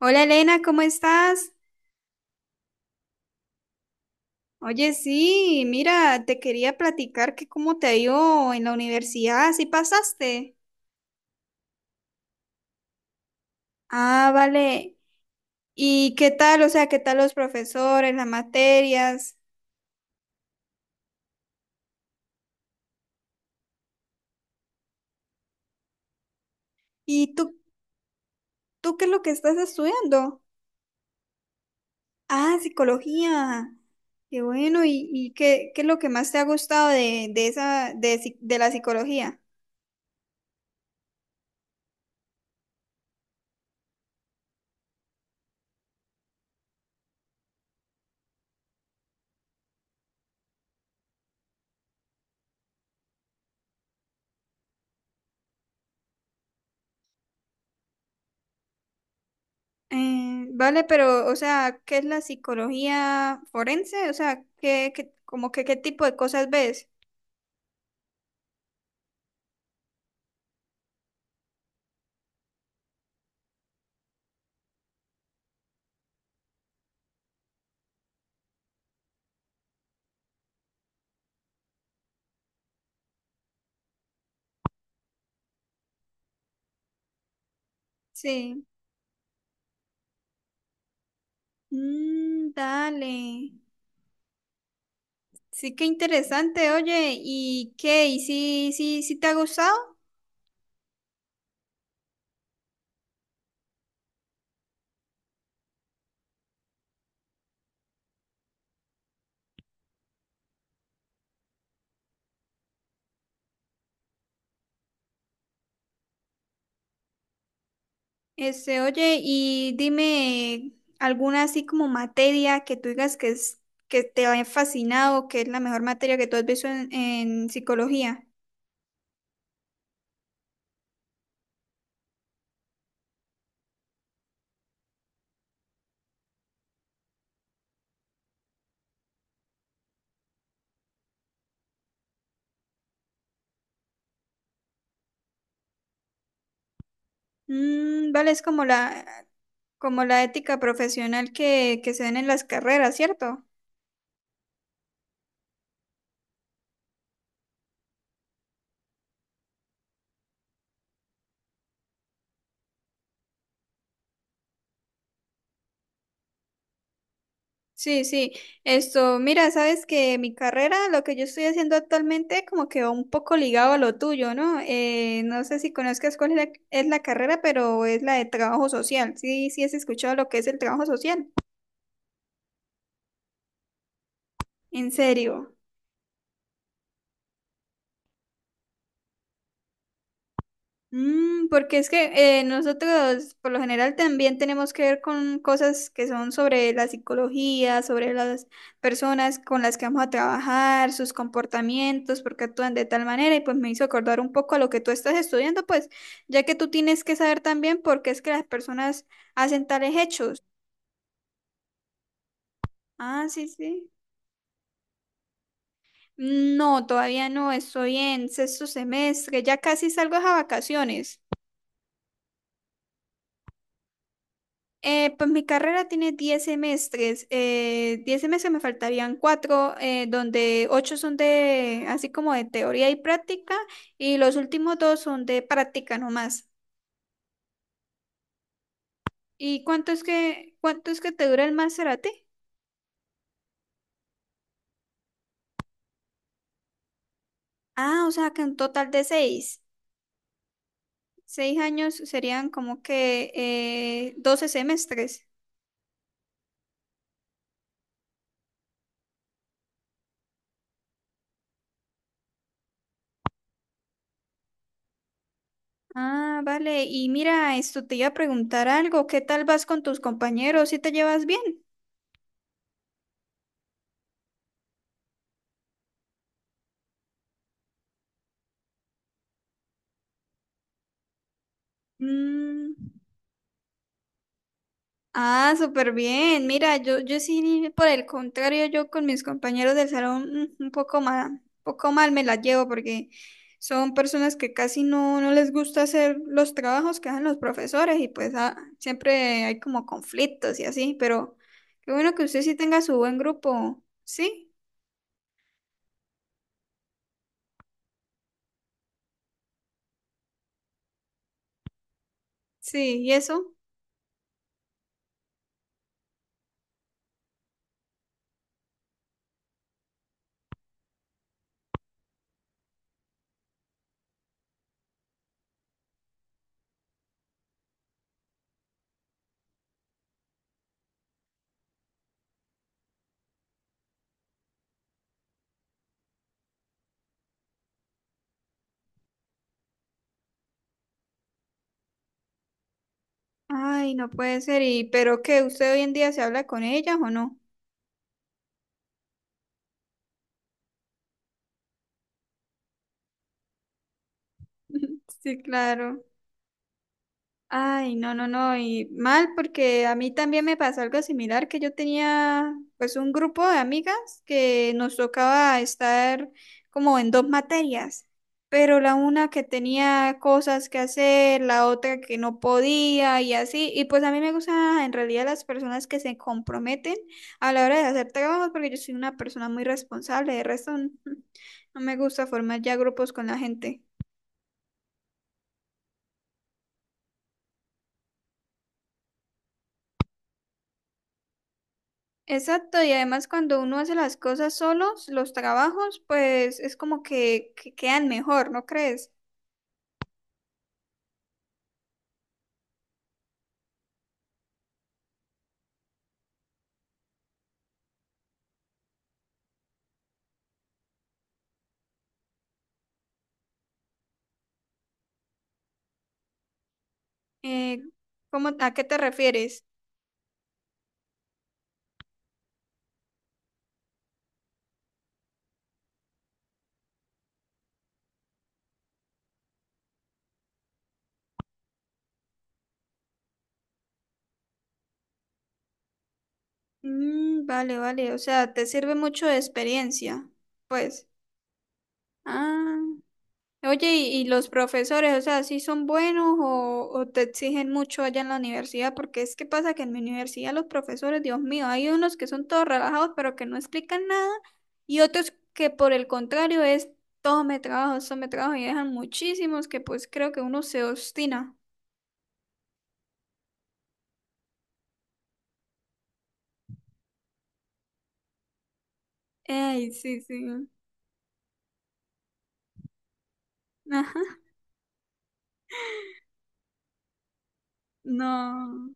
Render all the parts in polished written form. Hola Elena, ¿cómo estás? Oye, sí, mira, te quería platicar que cómo te ha ido en la universidad, si pasaste. Ah, vale. ¿Y qué tal? O sea, ¿qué tal los profesores, las materias? ¿Y tú qué es lo que estás estudiando? Ah, psicología. Qué bueno. ¿Y qué es lo que más te ha gustado de esa, de la psicología? Vale, pero, o sea, ¿qué es la psicología forense? O sea, como que qué tipo de cosas ves? Sí. Mm, dale. Sí, qué interesante, oye. ¿Y qué? ¿Y si te ha gustado? Este, oye, y dime alguna así como materia que tú digas que es, que te ha fascinado, que es la mejor materia que tú has visto en psicología. Mm, vale, es como la ética profesional que se dan en las carreras, ¿cierto? Sí, sí. Esto, mira, sabes que mi carrera, lo que yo estoy haciendo actualmente, como que va un poco ligado a lo tuyo, ¿no? No sé si conozcas cuál es la carrera, pero es la de trabajo social. Sí, sí has escuchado lo que es el trabajo social. En serio. Porque es que nosotros por lo general también tenemos que ver con cosas que son sobre la psicología, sobre las personas con las que vamos a trabajar, sus comportamientos, por qué actúan de tal manera y pues me hizo acordar un poco a lo que tú estás estudiando, pues ya que tú tienes que saber también por qué es que las personas hacen tales hechos. Ah, sí, sí. No, todavía no, estoy en sexto semestre, ya casi salgo a vacaciones. Pues mi carrera tiene 10 semestres. 10 semestres me faltarían 4, donde 8 son de, así como de teoría y práctica, y los últimos dos son de práctica nomás. ¿Y cuánto es que te dura el máster a ti? Ah, o sea que un total de seis años serían como que 12 semestres. Ah, vale. Y mira, esto te iba a preguntar algo. ¿Qué tal vas con tus compañeros? ¿Si te llevas bien? Mm. Ah, súper bien. Mira, yo sí, por el contrario, yo con mis compañeros del salón mm, un poco mal me las llevo porque son personas que casi no, no les gusta hacer los trabajos que hacen los profesores y pues siempre hay como conflictos y así, pero qué bueno que usted sí tenga su buen grupo. ¿Sí? Sí, ¿y eso? Ay, no puede ser. ¿Y pero qué? ¿Usted hoy en día se habla con ellas o no? Sí, claro. Ay, no, no, no, y mal porque a mí también me pasó algo similar, que yo tenía pues un grupo de amigas que nos tocaba estar como en dos materias, pero la una que tenía cosas que hacer, la otra que no podía y así, y pues a mí me gustan en realidad las personas que se comprometen a la hora de hacer trabajos porque yo soy una persona muy responsable, de resto no no me gusta formar ya grupos con la gente. Exacto, y además cuando uno hace las cosas solos, los trabajos, pues es como que quedan mejor, ¿no crees? Eh, ¿cómo, a qué te refieres? Mm, vale, vale, o sea, te sirve mucho de experiencia, pues. Ah. Oye, ¿y los profesores, o sea, sí son buenos o te exigen mucho allá en la universidad? Porque es que pasa que en mi universidad los profesores, Dios mío, hay unos que son todos relajados pero que no explican nada y otros que por el contrario es todo me trabajo y dejan muchísimos que pues creo que uno se obstina. ¡Ay, sí, sí! Ajá. No.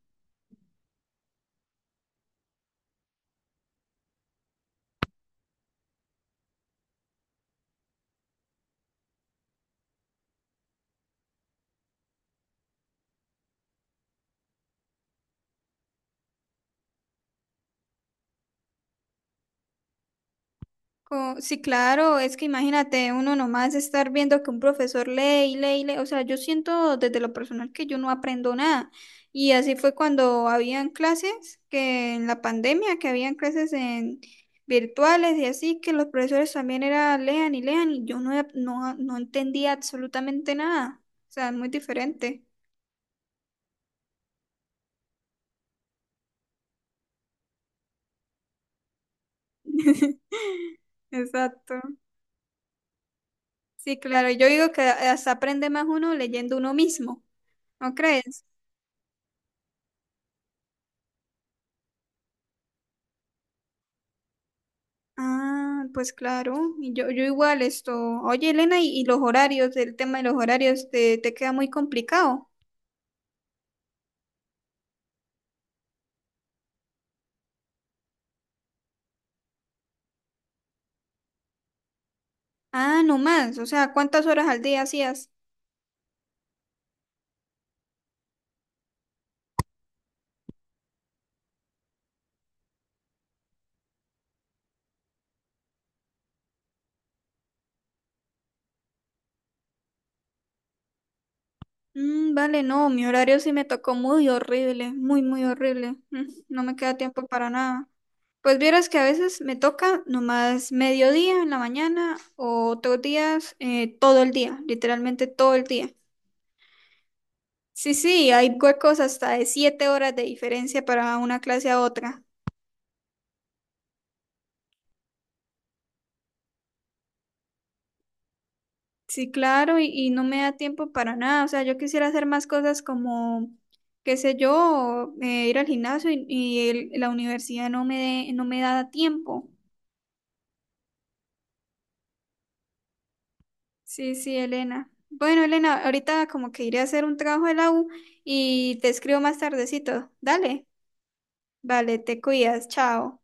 Sí, claro, es que imagínate uno nomás estar viendo que un profesor lee y lee y lee, o sea, yo siento desde lo personal que yo no aprendo nada. Y así fue cuando habían clases, que en la pandemia, que habían clases en virtuales y así, que los profesores también era lean y lean y yo no, no, no entendía absolutamente nada. O sea, es muy diferente. Exacto. Sí, claro, yo digo que hasta aprende más uno leyendo uno mismo, ¿no crees? Ah, pues claro, y yo igual esto. Oye, Elena, y los horarios, el tema de los horarios, te queda muy complicado. Ah, no más, o sea, ¿cuántas horas al día hacías? Mm, vale, no, mi horario sí me tocó muy horrible, muy, muy horrible. No me queda tiempo para nada. Pues vieras que a veces me toca nomás mediodía en la mañana o otros días todo el día, literalmente todo el día. Sí, sí, hay huecos hasta de 7 horas de diferencia para una clase a otra. Sí, claro, y no me da tiempo para nada. O sea, yo quisiera hacer más cosas como, qué sé yo, ir al gimnasio y la universidad no me da tiempo. Sí, sí, Elena. Bueno, Elena, ahorita como que iré a hacer un trabajo de la U y te escribo más tardecito. Dale. Vale, te cuidas. Chao.